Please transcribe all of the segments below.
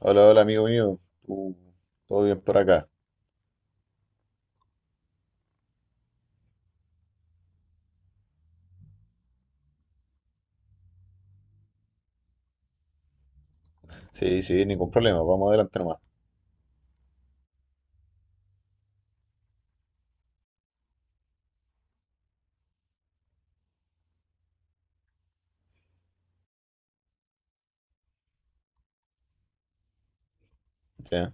Hola, hola, amigo mío. Uh, todo bien por acá. Sí, sí, ningún problema. Vamos adelante nomás. Ya.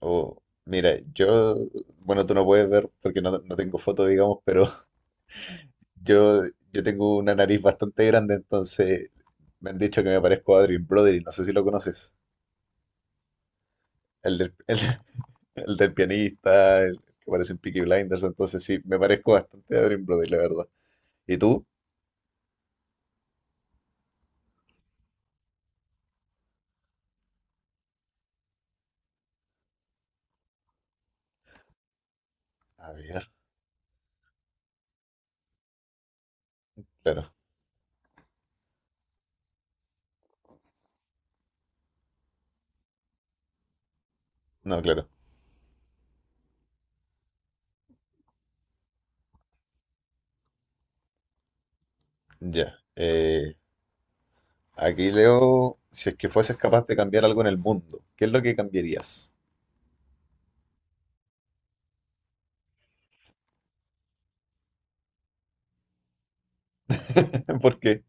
Oh, mira, yo, bueno, tú no puedes ver porque no tengo foto, digamos, pero yo, yo tengo una nariz bastante grande, entonces me han dicho que me parezco a Adrien Brody. No sé si lo conoces. El del, el, el del pianista, el que parece en Peaky Blinders. Entonces sí, me parezco bastante a Adrien Brody, la verdad. ¿Y tú? A ver, claro. No, claro. Ya. Aquí leo, si es que fueses capaz de cambiar algo en el mundo, ¿qué es lo que cambiarías? Porque,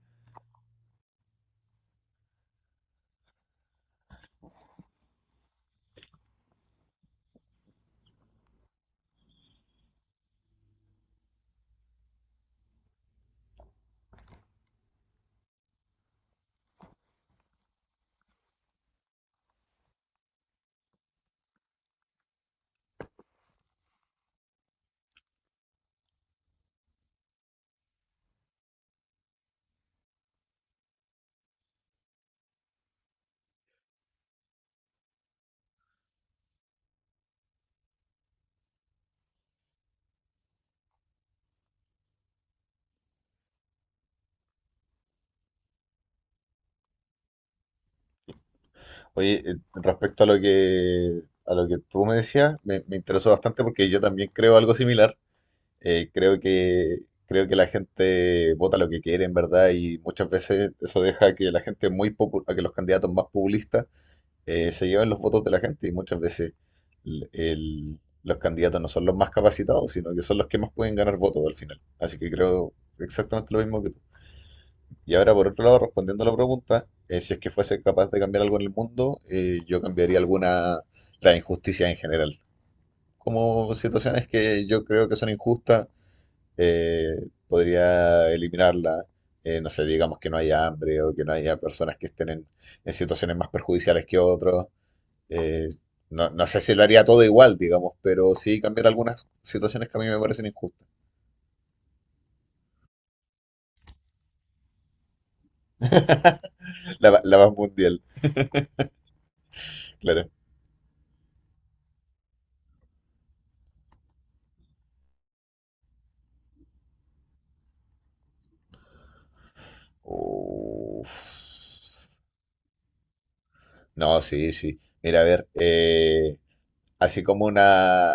oye, respecto a lo que tú me decías, me interesó bastante porque yo también creo algo similar. Eh, creo que, creo que la gente vota lo que quiere, en verdad, y muchas veces eso deja que la gente muy popu- a que los candidatos más populistas se lleven los votos de la gente y muchas veces los candidatos no son los más capacitados, sino que son los que más pueden ganar votos al final. Así que creo exactamente lo mismo que tú. Y ahora, por otro lado, respondiendo a la pregunta, si es que fuese capaz de cambiar algo en el mundo, yo cambiaría alguna, la injusticia en general. Como situaciones que yo creo que son injustas, podría eliminarla. No sé, digamos que no haya hambre o que no haya personas que estén en situaciones más perjudiciales que otros. Eh, no sé si lo haría todo igual, digamos, pero sí cambiar algunas situaciones que a mí me parecen injustas. La más mundial, claro. Uf. No, sí, sí. Mira, a ver, así como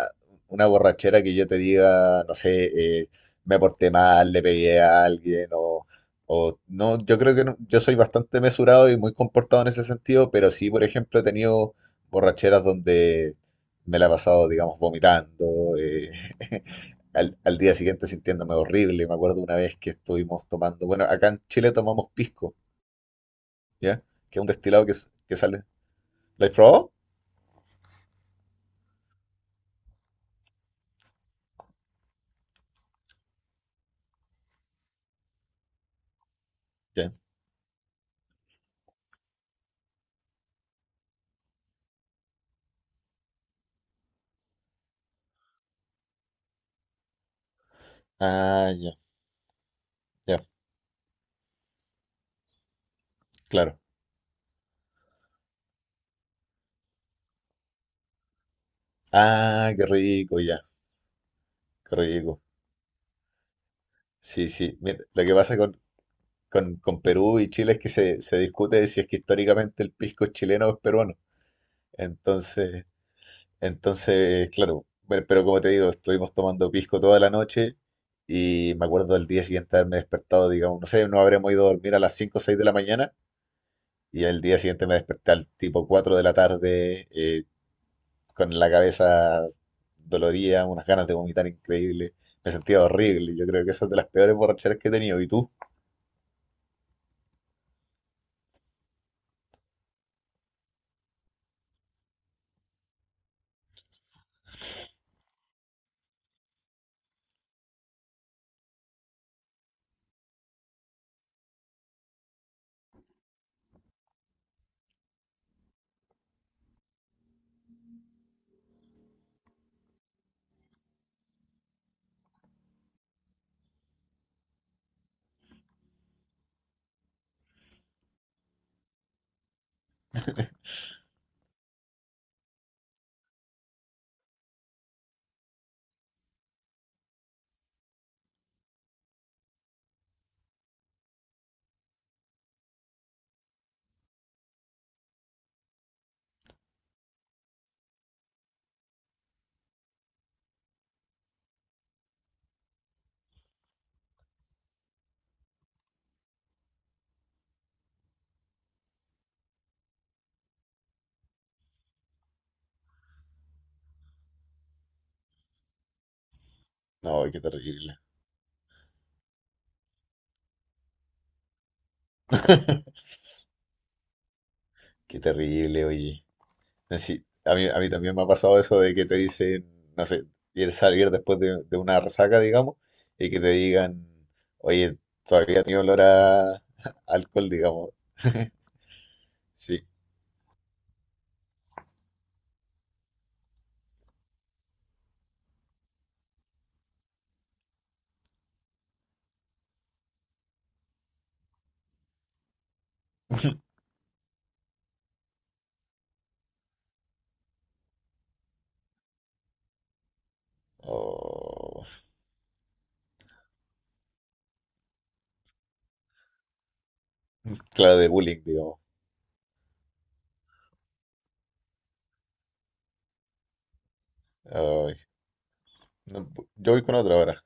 una borrachera que yo te diga, no sé, me porté mal, le pegué a alguien o no, yo creo que no, yo soy bastante mesurado y muy comportado en ese sentido, pero sí, por ejemplo, he tenido borracheras donde me la he pasado, digamos, vomitando, al día siguiente sintiéndome horrible. Me acuerdo una vez que estuvimos tomando, bueno, acá en Chile tomamos pisco, ¿ya? Que es un destilado que, s- que sale. ¿Lo has probado? Ah, ya, ya, claro. Ah, qué rico, ya, qué rico. Sí, sí. Mira, lo que pasa con, con Perú y Chile es que se discute de si es que históricamente el pisco es chileno o es peruano. Entonces, entonces, claro. Bueno, pero como te digo, estuvimos tomando pisco toda la noche y me acuerdo del día siguiente haberme despertado, digamos, no sé, no habremos ido a dormir a las 5 o 6 de la mañana y al día siguiente me desperté al tipo 4 de la tarde, con la cabeza dolorida, unas ganas de vomitar increíble. Me sentía horrible. Yo creo que esa es de las peores borracheras que he tenido. ¿Y tú? No, qué terrible. Qué terrible, oye. Sí, a mí también me ha pasado eso de que te dicen, no sé, ir salir después de, una resaca, digamos, y que te digan, oye, todavía tiene olor a alcohol, digamos. Sí. O- claro, de bullying, digamos. Ay, no, yo voy con otra ahora.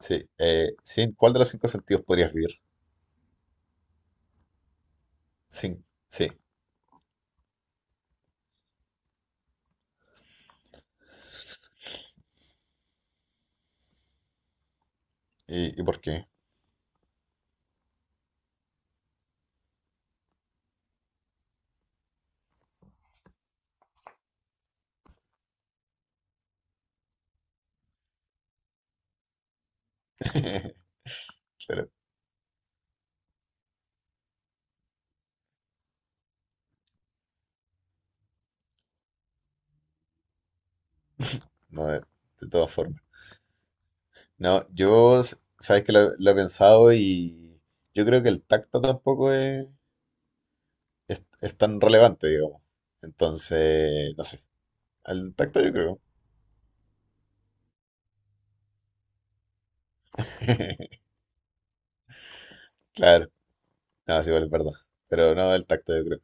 Sí, sí, ¿cuál de los cinco sentidos podrías vivir? Sí, sí, y por qué? Pero no, de todas formas. No, yo, sabes que lo he pensado y yo creo que el tacto tampoco es es tan relevante, digamos. Entonces, no sé, el tacto yo creo. Claro, no, sí, igual es verdad. Pero no, el tacto yo creo.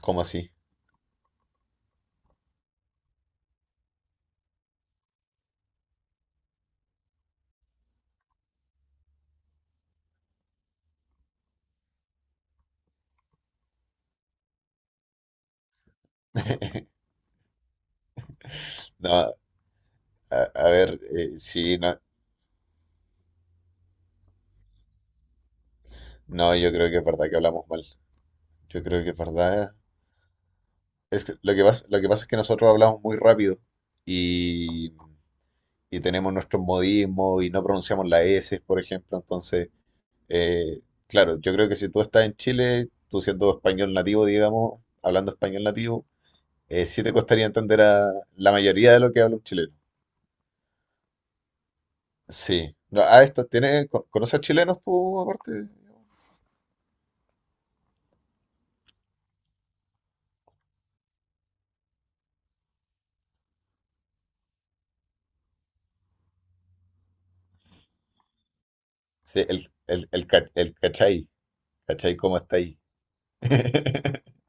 ¿Cómo así? No, a ver, sí, no, no, yo creo que es verdad que hablamos mal. Yo creo que es verdad. Lo que pasa es que nosotros hablamos muy rápido y, tenemos nuestros modismos y no pronunciamos la S, por ejemplo. Entonces, eh, claro, yo creo que si tú estás en Chile, tú siendo español nativo, digamos, hablando español nativo, sí te costaría entender a la mayoría de lo que habla un chileno. Sí. No, ah, esto tiene, ¿conoces chilenos tú aparte? Sí, el cachai. ¿Cachai cómo está ahí?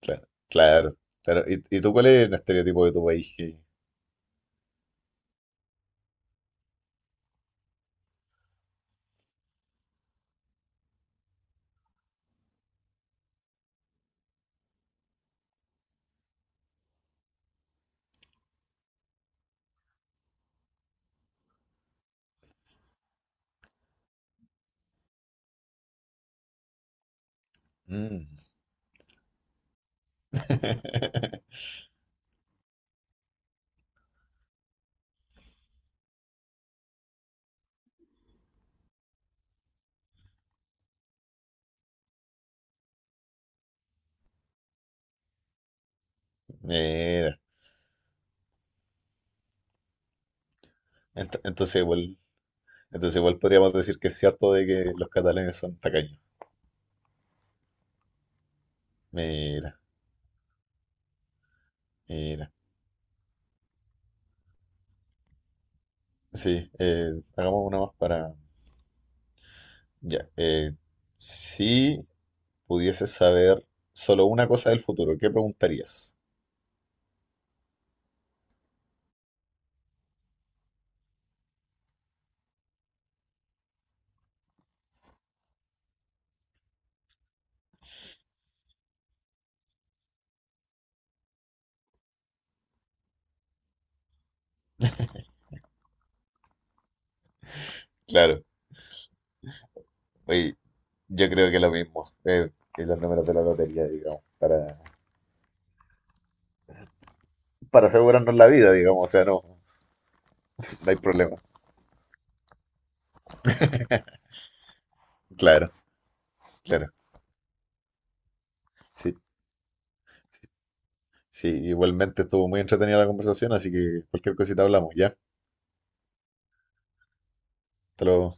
Claro, claro, claro. Y tú cuál es el estereotipo de tu país? Que... Mm. Mira, ent- entonces igual, entonces igual podríamos decir que es cierto de que los catalanes son tacaños. Mira, mira. Sí, hagamos una más para... Ya, si pudieses saber solo una cosa del futuro, ¿qué preguntarías? Claro, oye, yo creo que lo mismo, que los números de la lotería, digamos, para asegurarnos la vida, digamos, o sea, no, no hay problema. Claro, claro, sí. Sí, igualmente estuvo muy entretenida la conversación, así que cualquier cosita hablamos, ¿ya? Hasta luego.